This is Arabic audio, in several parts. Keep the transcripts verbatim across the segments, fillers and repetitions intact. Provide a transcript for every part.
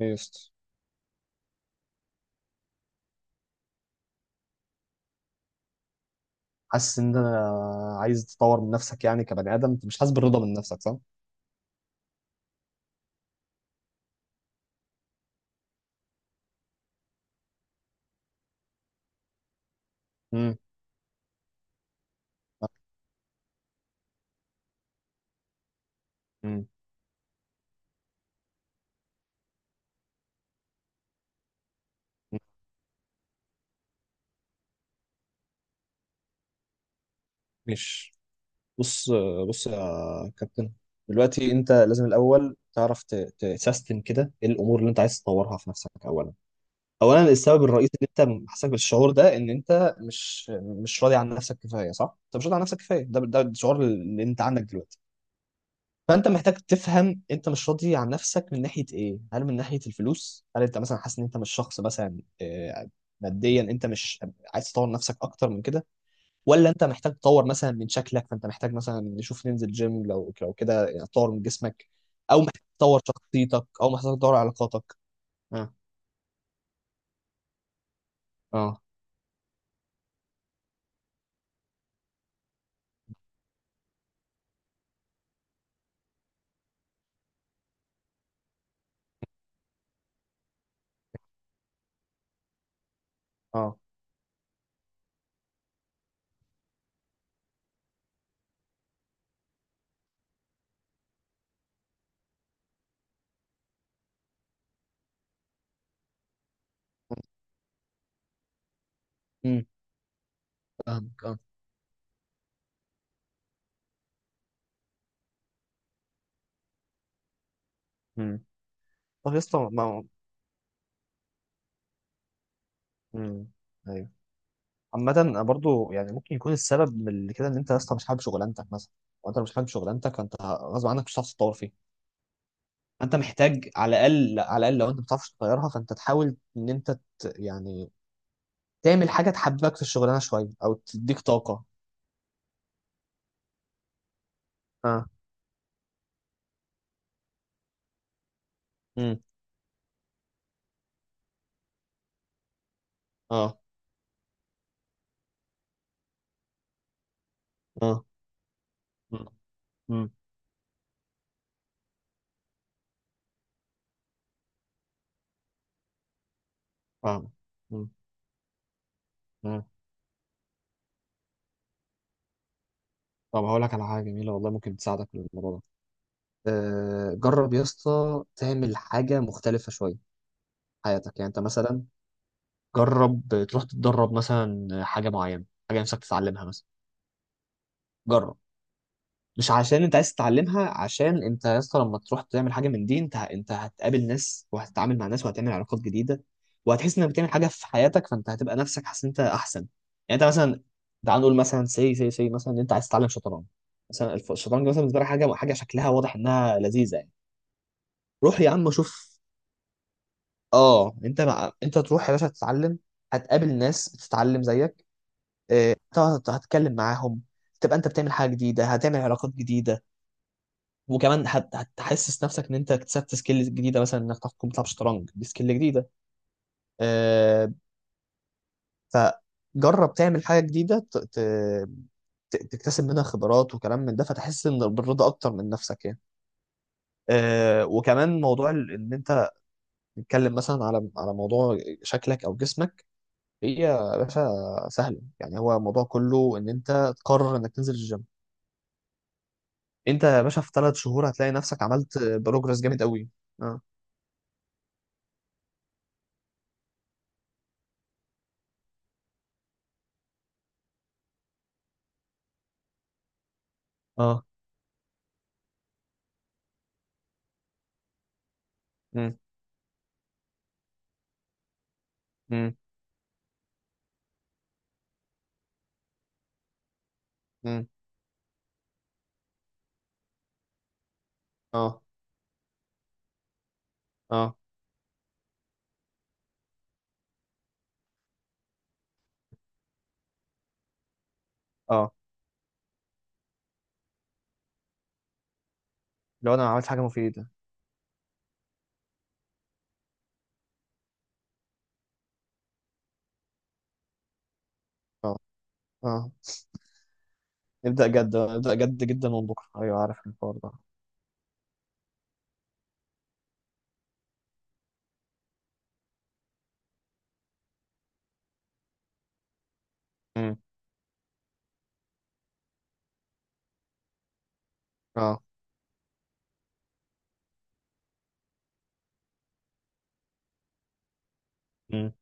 ايه يا اسطى، حاسس ان انا عايز تطور من نفسك يعني، كبني ادم انت مش حاسس بالرضا من نفسك صح؟ امم. مم. ماشي. بص، بص يا كابتن. دلوقتي انت لازم الاول تعرف ت- تسيستم كده ايه الامور اللي انت عايز تطورها في نفسك اولا. اولا، السبب الرئيسي اللي انت حاسس بالشعور ده ان انت مش مش راضي عن نفسك كفايه، صح؟ انت مش راضي عن نفسك كفايه. ده ده الشعور اللي انت عندك دلوقتي. فانت محتاج تفهم، انت مش راضي عن نفسك من ناحيه ايه؟ هل من ناحيه الفلوس؟ هل انت مثلا حاسس ان انت مش شخص مثلا آه، ماديا؟ انت مش عايز تطور نفسك اكتر من كده؟ ولا انت محتاج تطور مثلا من شكلك، فانت محتاج مثلا نشوف ننزل جيم لو لو كده يعني تطور من جسمك؟ او محتاج تطور شخصيتك، او محتاج تطور علاقاتك؟ اه، اه، اه، امم. فاهمك، اه. امم. طب يا اسطى. ما ما- امم. عامة أنا برضو يعني ممكن يكون السبب من اللي كده ان انت اصلا مش حابب شغلانتك مثلا. وانت لو مش حابب شغلانتك، فانت غصب عنك مش هتعرف تتطور فيها. فانت محتاج على الاقل، على الاقل لو انت ما بتعرفش تغيرها، فانت تحاول ان انت ت... يعني تعمل حاجة تحببك في الشغلانة شوية او تديك طاقة. اه. امم. اه. اه. امم. امم. فاهم. امم. امم. طب هقول لك على حاجة جميلة والله، ممكن تساعدك في الموضوع ده. آه، جرب يا اسطى تعمل حاجة مختلفة شوية في حياتك، يعني انت مثلا، جرب تروح تتدرب مثلا حاجه معينه، حاجه نفسك تتعلمها مثلا. جرب، مش عشان انت عايز تتعلمها. عشان انت يا اسطى لما تروح تعمل حاجه من دي، انت انت هتقابل ناس وهتتعامل مع ناس وهتعمل علاقات جديده، وهتحس انك بتعمل حاجه في حياتك، فانت هتبقى نفسك حاسس ان انت احسن. يعني انت مثلا، تعال نقول مثلا سي سي سي مثلا ان انت عايز تتعلم شطرنج. مثلا الف- الشطرنج مثلا بالنسبه لك حاجه حاجه شكلها واضح انها لذيذه يعني. روح يا عم شوف. اه، انت مع... انت تروح يا باشا تتعلم، هتقابل ناس بتتعلم زيك. آه، طبعا هت- هتتكلم معاهم. تبقى انت بتعمل حاجه جديده، هتعمل علاقات جديده. وكمان هت- هتحسس نفسك ان انت اكتسبت سكيلز جديده، مثلا انك تعرف تكون بتلعب شطرنج دي سكيل جديده. آه، فجرب تعمل حاجه جديده ت- ت- ت- تكتسب منها خبرات وكلام من ده، فتحس ان بالرضا اكتر من نفسك يعني. آه وكمان موضوع ال- ان انت تتكلم مثلا على على موضوع شكلك او جسمك. هي يا باشا سهله، يعني هو الموضوع كله ان انت تقرر انك تنزل الجيم. انت يا باشا في ثلاث شهور هتلاقي نفسك عملت بروجرس جامد قوي. اه. اه. امم. امم. امم. اه. اه. اه. لو انا عملت حاجه مفيده. اه. اه. نبدا جد، نبدا جد جدا من بكره، ايوه، عارف الحوار ده. امم. اه. امم.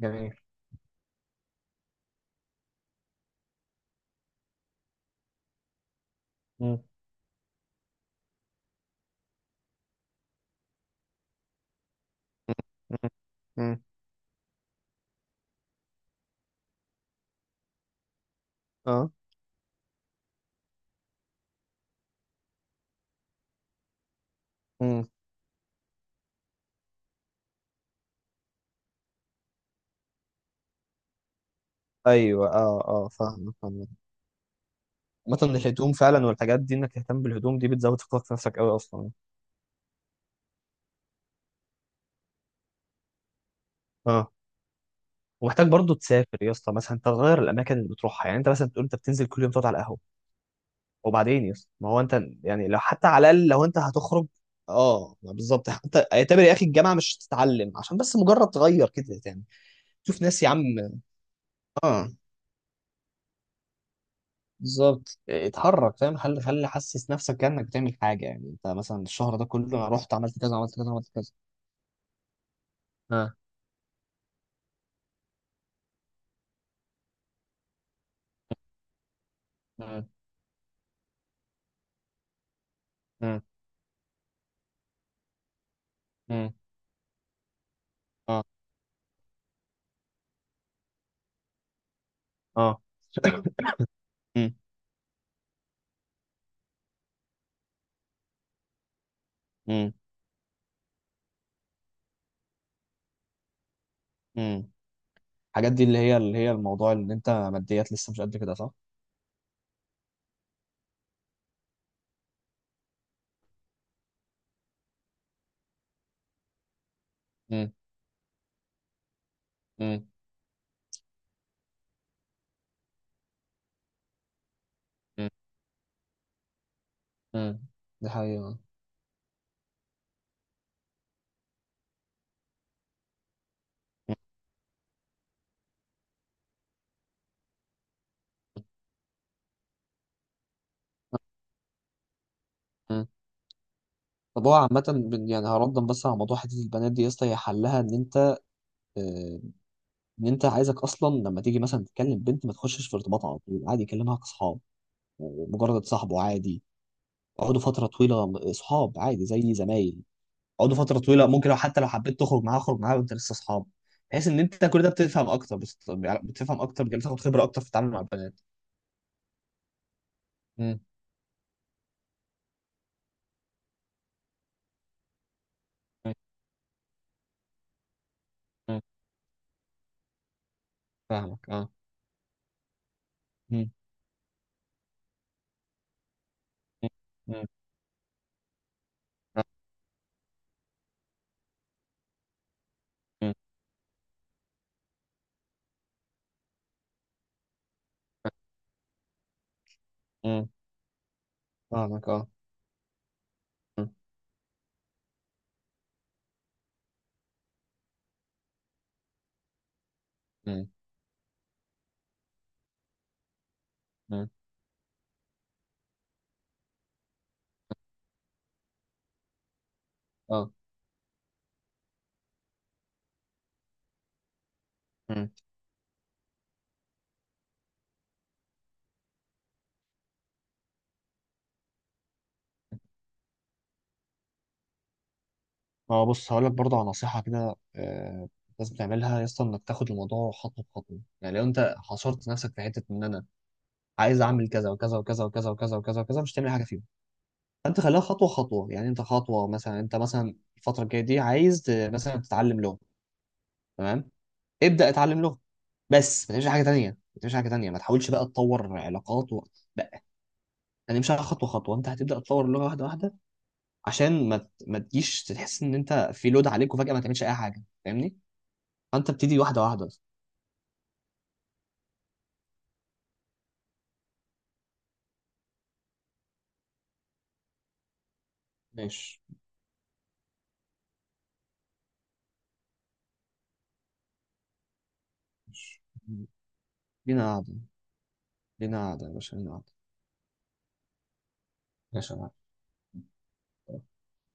جميل. امم. امم. امم. اه. امم. ايوه. اه. اه. فاهم. فاهم. مثلا الهدوم فعلا والحاجات دي، انك تهتم بالهدوم دي بتزود ثقتك في نفسك قوي اصلا. اه. ومحتاج برضو تسافر يا اسطى، مثلا تغير الاماكن اللي بتروحها، يعني انت مثلا تقول انت بتنزل كل يوم تقعد على القهوه، وبعدين يس، ما هو انت يعني لو حتى على الاقل لو انت هتخرج. اه، ما بالظبط، حتى اعتبر يا اخي الجامعه مش تتعلم عشان بس مجرد تغير كده يعني. شوف ناس يا عم. اه، بالظبط اتحرك، فاهم، خلي خلي حسس نفسك كانك بتعمل حاجه، يعني انت مثلا الشهر ده كله أنا رحت عملت كذا، عملت كذا، عملت كذا. اه. اه. اه. اه. اه. مم. مم. مم. الحاجات دي اللي هي اللي هي الموضوع اللي انت ماديات لسه مش قد كده، صح؟ مم. مم. مم. مم. دي حقيقة. طب هو عامة بن- يعني هردا بس على موضوع حتة البنات دي يا اسطى، هي حلها إن أنت آه، إن أنت عايزك أصلا لما تيجي مثلا تكلم بنت ما تخشش في ارتباط على طول، عادي كلمها كأصحاب. مجرد صاحبه عادي. اقعدوا فترة طويلة صحاب عادي زي زمايل. اقعدوا فترة طويلة، ممكن لو حتى لو حبيت تخرج معاها اخرج معاها وأنت لسه صحاب. بحيث إن أنت كل ده بتفهم أكتر، بت- بتفهم أكتر، بتاخد خبرة أكتر في التعامل مع البنات. مم. مم. مم. فاهمك أه. مم. مم. مم. مم. مم. فاهمك أه. مم. مم. مم. أه. مم. ما هو بص هقول لك برضه على نصيحة كده، آه، لازم تعملها يا اسطى، انك تاخد الموضوع خطوة بخطوة، يعني لو انت حصرت نفسك في حتة ان انا عايز اعمل كذا وكذا وكذا وكذا وكذا وكذا وكذا، مش هتعمل حاجة فيهم. فانت خليها خطوة خطوة، يعني انت خطوة، مثلا انت مثلا الفترة الجاية دي عايز ت- مثلا تتعلم لغة. تمام؟ ابدأ اتعلم لغة. بس ما تعملش حاجة تانية، ما تعملش حاجة تانية، ما تحاولش بقى تطور علاقات و... لا. يعني مش خطوة خطوة، انت هتبدأ تطور اللغة واحدة واحدة عشان ما ت- ما تجيش تحس ان انت في لود عليك وفجأة ما تعملش اي حاجة، فاهمني؟ فانت ابتدي واحده واحده. ماشي. ماشي. لينا قعده، لينا قعده يا باشا، لينا قعده. يا باشا. قعدة.